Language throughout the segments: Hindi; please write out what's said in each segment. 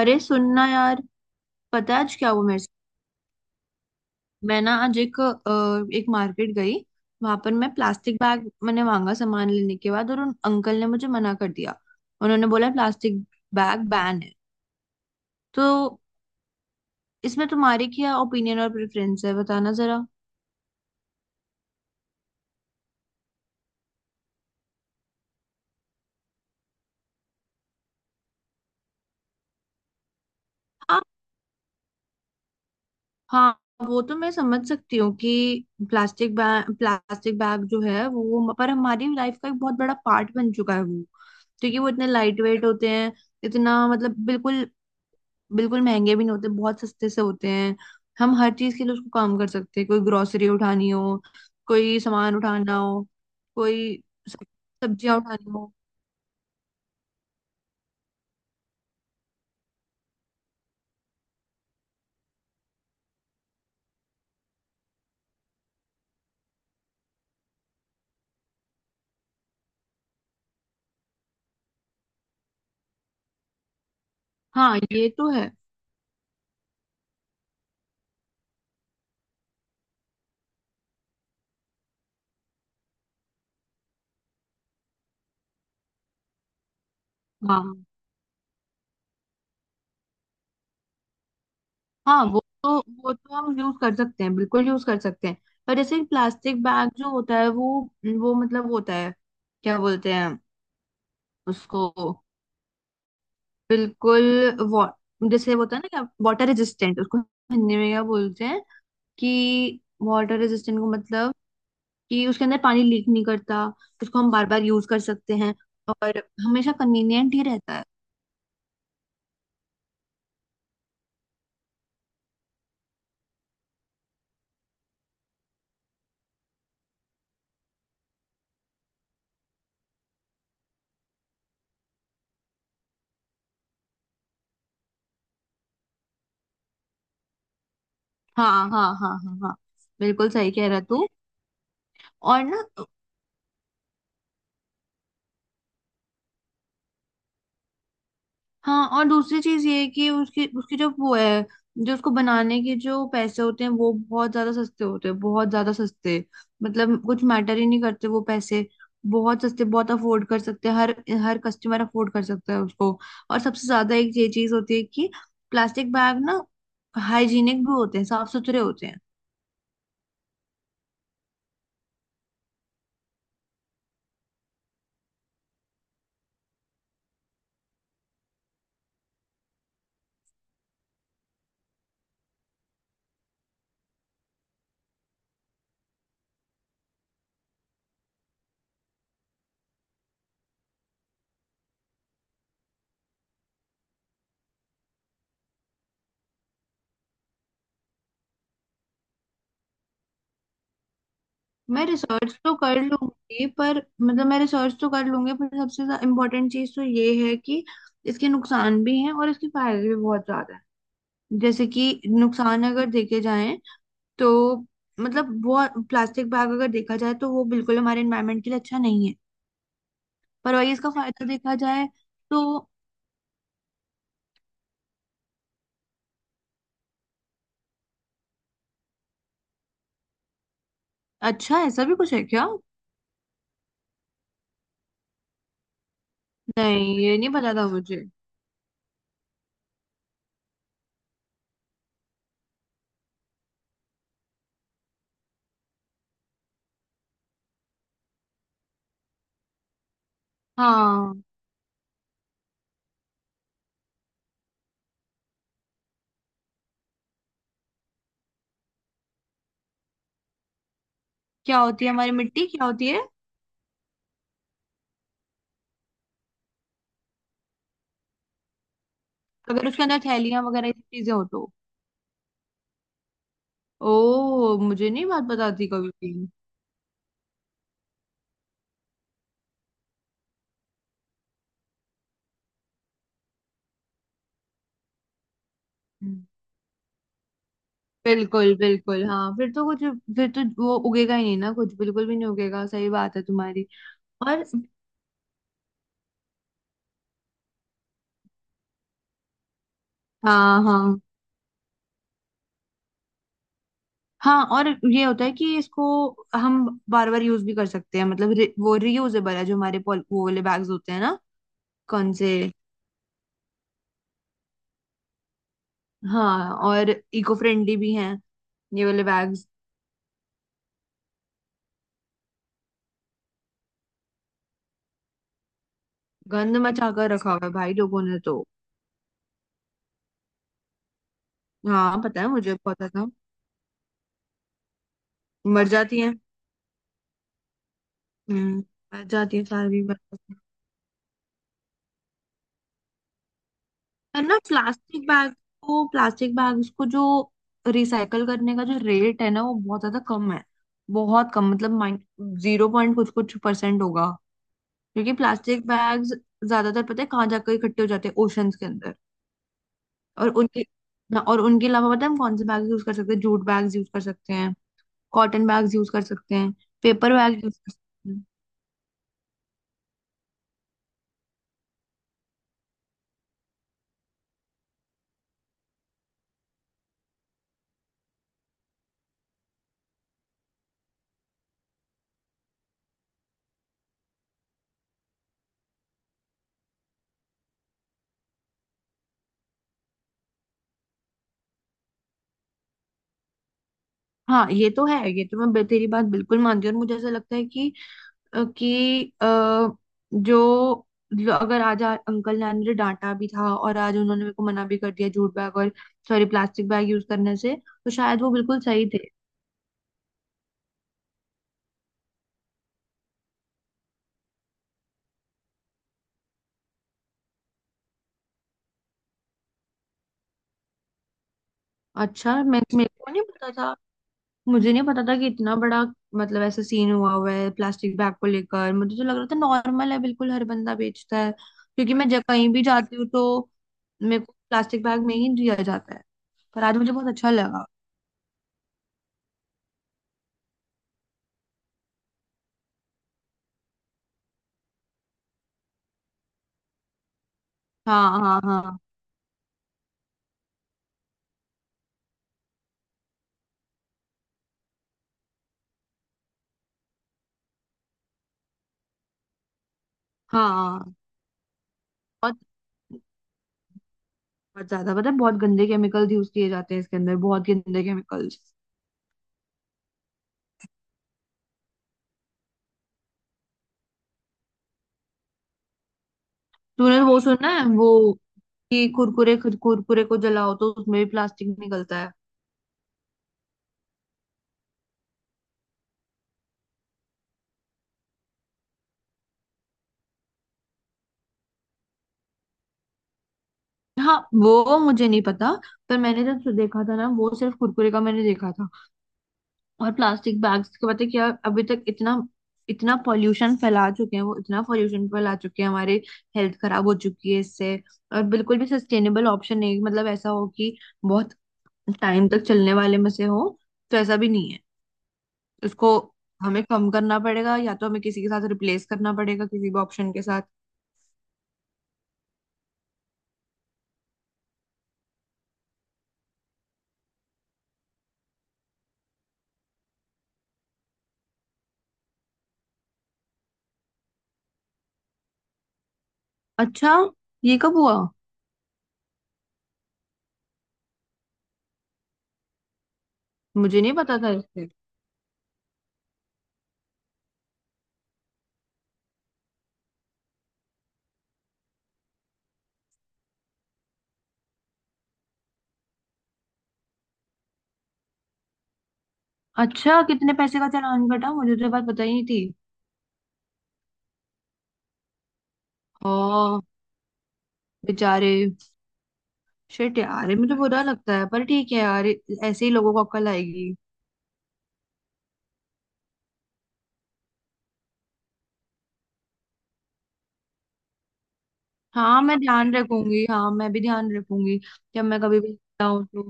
अरे सुनना यार। पता है आज क्या हुआ मेरे साथ। मैं ना आज एक मार्केट गई। वहां पर मैं प्लास्टिक बैग मैंने मांगा सामान लेने के बाद और उन अंकल ने मुझे मना कर दिया। उन्होंने बोला प्लास्टिक बैग बैन है। तो इसमें तुम्हारी क्या ओपिनियन और प्रेफरेंस है बताना जरा। हाँ, हाँ, वो तो मैं समझ सकती हूँ कि प्लास्टिक बैग जो है वो पर हमारी लाइफ का एक बहुत बड़ा पार्ट बन चुका है वो। क्योंकि वो इतने लाइट वेट होते हैं। इतना मतलब बिल्कुल, बिल्कुल महंगे भी नहीं होते, बहुत सस्ते से होते हैं। हम हर चीज के लिए उसको काम कर सकते हैं। कोई ग्रोसरी उठानी हो, कोई सामान उठाना हो, कोई सब्जियां उठानी हो। हाँ ये तो है। हाँ, हाँ, वो तो हम यूज कर सकते हैं, बिल्कुल यूज कर सकते हैं। पर जैसे प्लास्टिक बैग जो होता है वो होता है, क्या बोलते हैं उसको, बिल्कुल वा, जैसे वो होता है ना क्या वाटर रेजिस्टेंट, उसको हिंदी में क्या बोलते हैं कि वाटर रेजिस्टेंट को मतलब कि उसके अंदर पानी लीक नहीं करता। उसको हम बार बार यूज कर सकते हैं और हमेशा कन्वीनियंट ही रहता है। हाँ, हाँ, हाँ, हाँ, हाँ, बिल्कुल सही कह रहा तू। और ना हाँ, और दूसरी चीज ये है कि उसकी उसकी जो वो है, जो उसको बनाने के जो पैसे होते हैं वो बहुत ज्यादा सस्ते होते हैं, बहुत ज्यादा सस्ते। मतलब कुछ मैटर ही नहीं करते वो पैसे। बहुत सस्ते, बहुत अफोर्ड कर सकते हैं, हर हर कस्टमर अफोर्ड कर सकता है उसको। और सबसे ज्यादा एक ये चीज होती है कि प्लास्टिक बैग ना हाइजीनिक भी होते हैं, साफ सुथरे होते हैं। मैं रिसर्च तो कर लूंगी पर सबसे इम्पोर्टेंट चीज तो ये है कि इसके नुकसान भी हैं और इसके फायदे भी बहुत ज्यादा हैं। जैसे कि नुकसान अगर देखे जाएं तो मतलब वो, प्लास्टिक बैग अगर देखा जाए तो वो बिल्कुल हमारे एनवायरनमेंट के लिए अच्छा नहीं है। पर वही इसका फायदा देखा जाए तो। अच्छा ऐसा भी कुछ है क्या? नहीं, ये नहीं पता था मुझे। हाँ। क्या होती है हमारी मिट्टी, क्या होती है? अगर उसके अंदर थैलियां वगैरह ये सब चीजें हो तो। ओ मुझे नहीं बात पता थी कभी भी। हम्म, बिल्कुल बिल्कुल, हाँ, फिर तो वो उगेगा ही नहीं ना, कुछ बिल्कुल भी नहीं उगेगा, सही बात है तुम्हारी। और हाँ, हाँ, हाँ, और ये होता है कि इसको हम बार बार यूज भी कर सकते हैं, मतलब वो रियूजेबल है, जो हमारे वो वाले बैग्स होते हैं ना। कौन से? हाँ, और इको फ्रेंडली भी हैं ये वाले बैग्स। गंद मचा कर रखा हुआ है भाई लोगों ने तो। हाँ पता है, मुझे पता था। मर जाती है। हम्म। मर जाती है, सारी भी मर जाती है। पर ना प्लास्टिक बैग को, प्लास्टिक बैग्स को जो रिसाइकल करने का जो रेट है ना वो बहुत ज्यादा कम है। बहुत कम, मतलब माइन, जीरो पॉइंट कुछ कुछ परसेंट होगा। क्योंकि प्लास्टिक बैग्स ज्यादातर पता है कहाँ जाकर इकट्ठे हो जाते हैं, ओशंस के अंदर। और उनके हाँ, और उनके अलावा पता है हम कौन से बैग यूज कर सकते हैं, जूट बैग्स यूज कर सकते हैं, कॉटन बैग्स यूज कर सकते हैं, पेपर बैग यूज कर सकते हैं। हाँ ये तो है, ये तो मैं तेरी बात बिल्कुल मानती हूँ, और मुझे ऐसा लगता है कि अ, कि अ, जो, जो अगर आज अंकल ने आज मुझे डांटा भी था और आज उन्होंने मेरे को मना भी कर दिया जूट बैग और सॉरी प्लास्टिक बैग यूज करने से, तो शायद वो बिल्कुल सही थे। अच्छा, मैं मेरे को नहीं पता था, मुझे नहीं पता था कि इतना बड़ा, मतलब ऐसा सीन हुआ हुआ है प्लास्टिक बैग को लेकर। मुझे तो लग रहा था नॉर्मल है, बिल्कुल हर बंदा बेचता है, क्योंकि मैं जब कहीं भी जाती हूँ तो मेरे को प्लास्टिक बैग में ही दिया जाता है। पर आज मुझे बहुत अच्छा लगा। हाँ, हाँ, हाँ, हाँ, हाँ। बहुत, बहुत ज्यादा पता है, बहुत गंदे केमिकल्स यूज किए जाते हैं इसके अंदर, बहुत गंदे केमिकल्स। तूने वो सुना है वो कि कुरकुरे, कुरकुरे को जलाओ तो उसमें भी प्लास्टिक निकलता है। हाँ वो मुझे नहीं पता, पर मैंने जब देखा था ना, वो सिर्फ कुरकुरे का मैंने देखा था। और प्लास्टिक बैग्स का पता है क्या, अभी तक इतना, इतना पॉल्यूशन फैला चुके हैं वो, इतना पॉल्यूशन फैला चुके हैं, हमारे हेल्थ खराब हो चुकी है इससे। और बिल्कुल भी सस्टेनेबल ऑप्शन नहीं, मतलब ऐसा हो कि बहुत टाइम तक चलने वाले में से हो, तो ऐसा भी नहीं है। उसको हमें कम करना पड़ेगा, या तो हमें किसी के साथ रिप्लेस करना पड़ेगा, किसी भी ऑप्शन के साथ। अच्छा, ये कब हुआ? मुझे नहीं पता था इससे। अच्छा, कितने पैसे का चालान कटा? मुझे तो ये बात पता ही नहीं थी। हाँ, बेचारे। शिट यार, ये मुझे बुरा लगता है, पर ठीक है यार, ऐसे ही लोगों को अक्ल आएगी। हाँ मैं ध्यान रखूंगी, हाँ मैं भी ध्यान रखूंगी जब मैं कभी भी जाऊँ तो।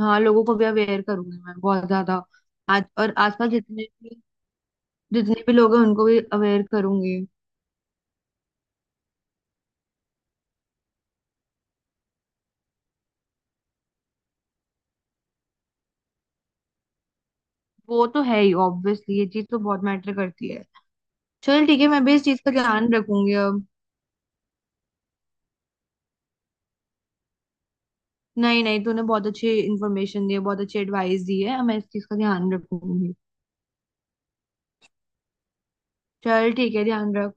हाँ लोगों को भी अवेयर करूंगी मैं, बहुत ज्यादा आज, और आसपास जितने भी लोग हैं उनको भी अवेयर करूंगी। वो तो है ही ऑब्वियसली, ये चीज तो बहुत मैटर करती है। चल ठीक है, मैं भी इस चीज का ध्यान रखूंगी अब। नहीं नहीं, तूने बहुत अच्छी इन्फॉर्मेशन दी है, बहुत अच्छी एडवाइस दी है, अब मैं इस चीज का ध्यान रखूंगी। चल ठीक है, ध्यान रख।